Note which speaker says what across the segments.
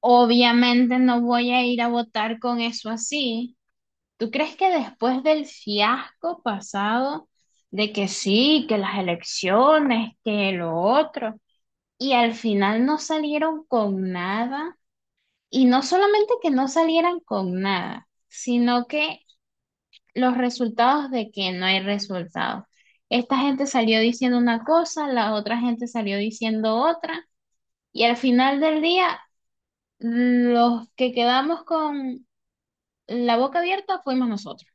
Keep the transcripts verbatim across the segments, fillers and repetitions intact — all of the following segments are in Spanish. Speaker 1: Obviamente no voy a ir a votar con eso así. ¿Tú crees que después del fiasco pasado, de que sí, que las elecciones, que lo otro, y al final no salieron con nada, y no solamente que no salieran con nada, sino que los resultados de que no hay resultados? Esta gente salió diciendo una cosa, la otra gente salió diciendo otra, y al final del día, los que quedamos con la boca abierta fuimos nosotros.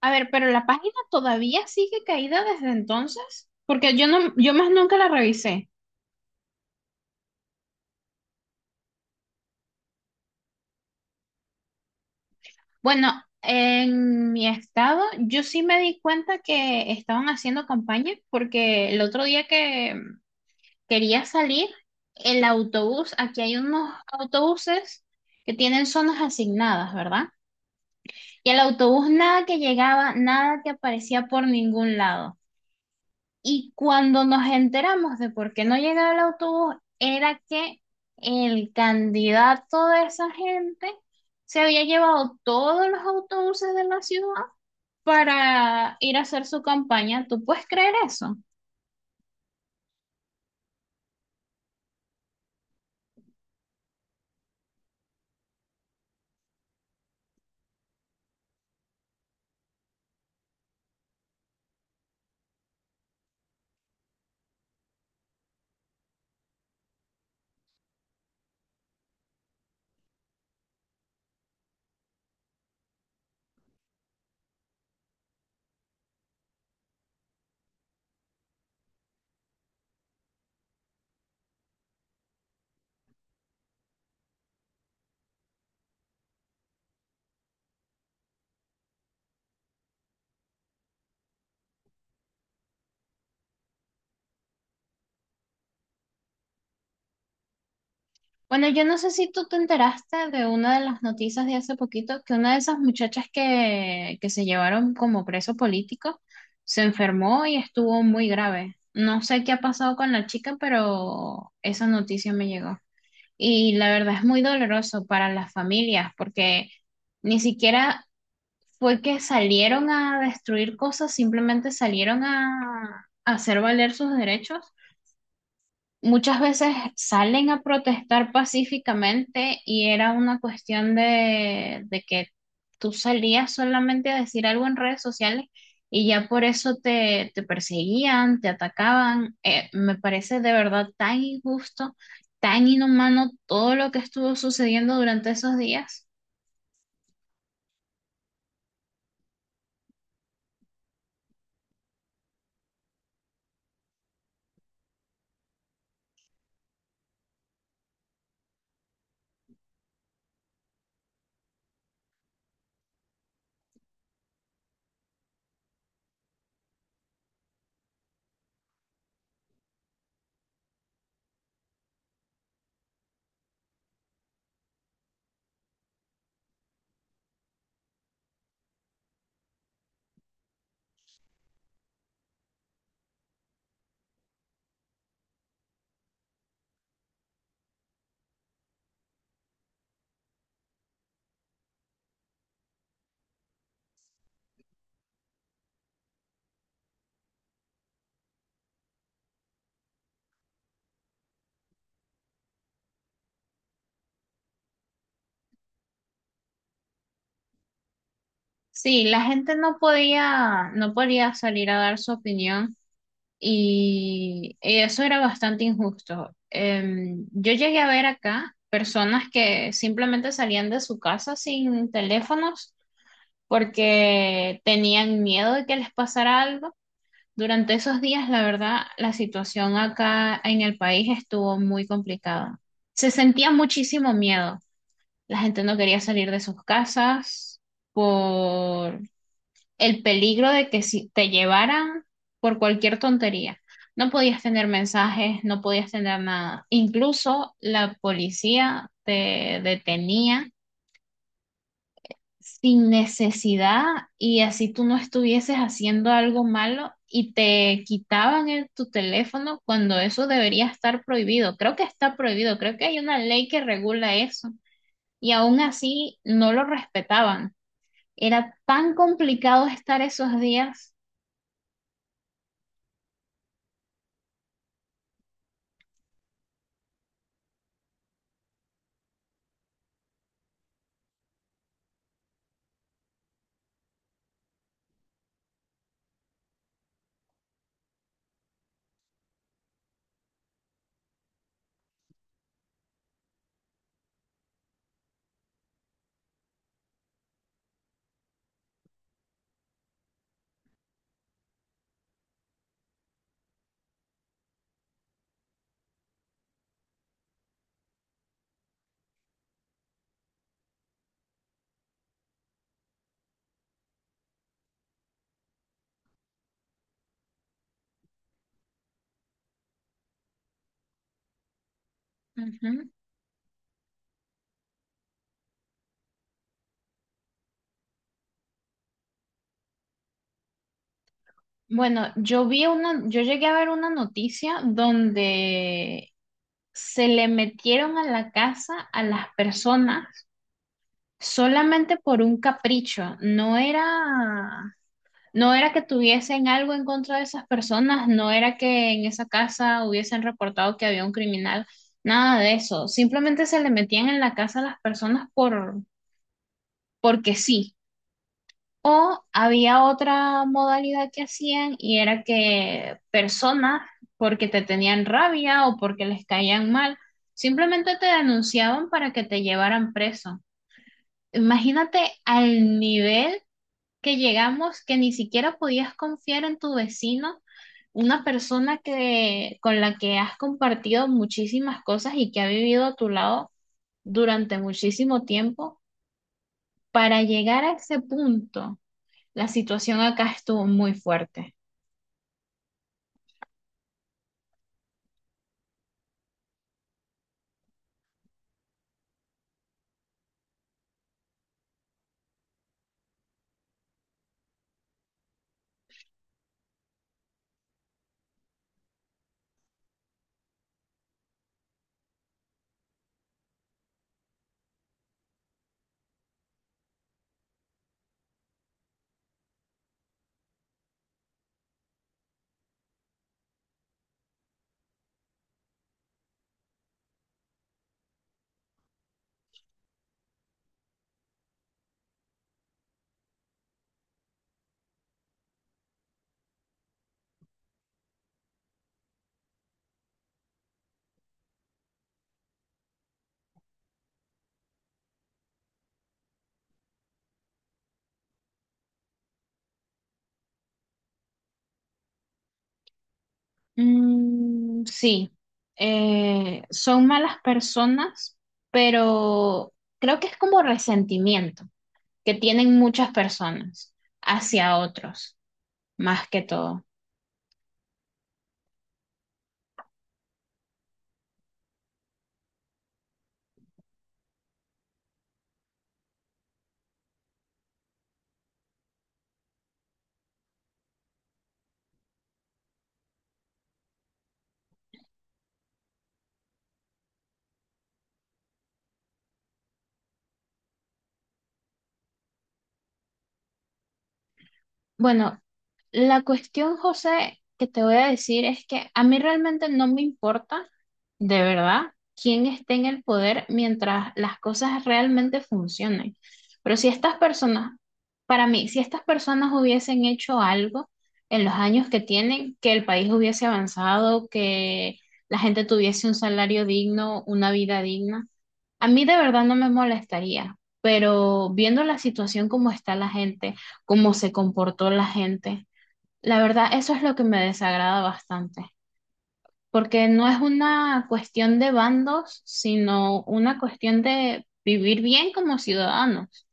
Speaker 1: A ver, pero la página todavía sigue caída desde entonces, porque yo no, yo más nunca la revisé. Bueno, en mi estado, yo sí me di cuenta que estaban haciendo campaña, porque el otro día que quería salir, el autobús, aquí hay unos autobuses que tienen zonas asignadas, ¿verdad? Y el autobús nada que llegaba, nada que aparecía por ningún lado. Y cuando nos enteramos de por qué no llegaba el autobús, era que el candidato de esa gente se había llevado todos los autobuses de la ciudad para ir a hacer su campaña. ¿Tú puedes creer eso? Bueno, yo no sé si tú te enteraste de una de las noticias de hace poquito, que una de esas muchachas que, que se llevaron como preso político se enfermó y estuvo muy grave. No sé qué ha pasado con la chica, pero esa noticia me llegó. Y la verdad es muy doloroso para las familias porque ni siquiera fue que salieron a destruir cosas, simplemente salieron a, a hacer valer sus derechos. Muchas veces salen a protestar pacíficamente y era una cuestión de, de que tú salías solamente a decir algo en redes sociales y ya por eso te, te perseguían, te atacaban. Eh, me parece de verdad tan injusto, tan inhumano todo lo que estuvo sucediendo durante esos días. Sí, la gente no podía, no podía salir a dar su opinión, y eso era bastante injusto. Em, yo llegué a ver acá personas que simplemente salían de su casa sin teléfonos porque tenían miedo de que les pasara algo. Durante esos días, la verdad, la situación acá en el país estuvo muy complicada. Se sentía muchísimo miedo. La gente no quería salir de sus casas por el peligro de que si te llevaran por cualquier tontería, no podías tener mensajes, no podías tener nada. Incluso la policía te detenía sin necesidad, y así tú no estuvieses haciendo algo malo, y te quitaban el- tu teléfono cuando eso debería estar prohibido. Creo que está prohibido, creo que hay una ley que regula eso y aún así no lo respetaban. Era tan complicado estar esos días. Bueno, yo vi una, yo llegué a ver una noticia donde se le metieron a la casa a las personas solamente por un capricho. No era, no era que tuviesen algo en contra de esas personas, no era que en esa casa hubiesen reportado que había un criminal, nada de eso. Simplemente se le metían en la casa a las personas por, porque sí. O había otra modalidad que hacían y era que personas, porque te tenían rabia o porque les caían mal, simplemente te denunciaban para que te llevaran preso. Imagínate al nivel que llegamos que ni siquiera podías confiar en tu vecino, una persona que, con la que has compartido muchísimas cosas y que ha vivido a tu lado durante muchísimo tiempo, para llegar a ese punto. La situación acá estuvo muy fuerte. Mm, sí, eh, son malas personas, pero creo que es como resentimiento que tienen muchas personas hacia otros, más que todo. Bueno, la cuestión, José, que te voy a decir es que a mí realmente no me importa, de verdad, quién esté en el poder mientras las cosas realmente funcionen. Pero si estas personas, para mí, si estas personas hubiesen hecho algo en los años que tienen, que el país hubiese avanzado, que la gente tuviese un salario digno, una vida digna, a mí de verdad no me molestaría. Pero viendo la situación como está la gente, cómo se comportó la gente, la verdad eso es lo que me desagrada bastante porque no es una cuestión de bandos, sino una cuestión de vivir bien como ciudadanos.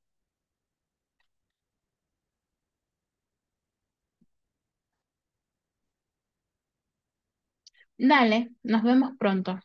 Speaker 1: Dale, nos vemos pronto.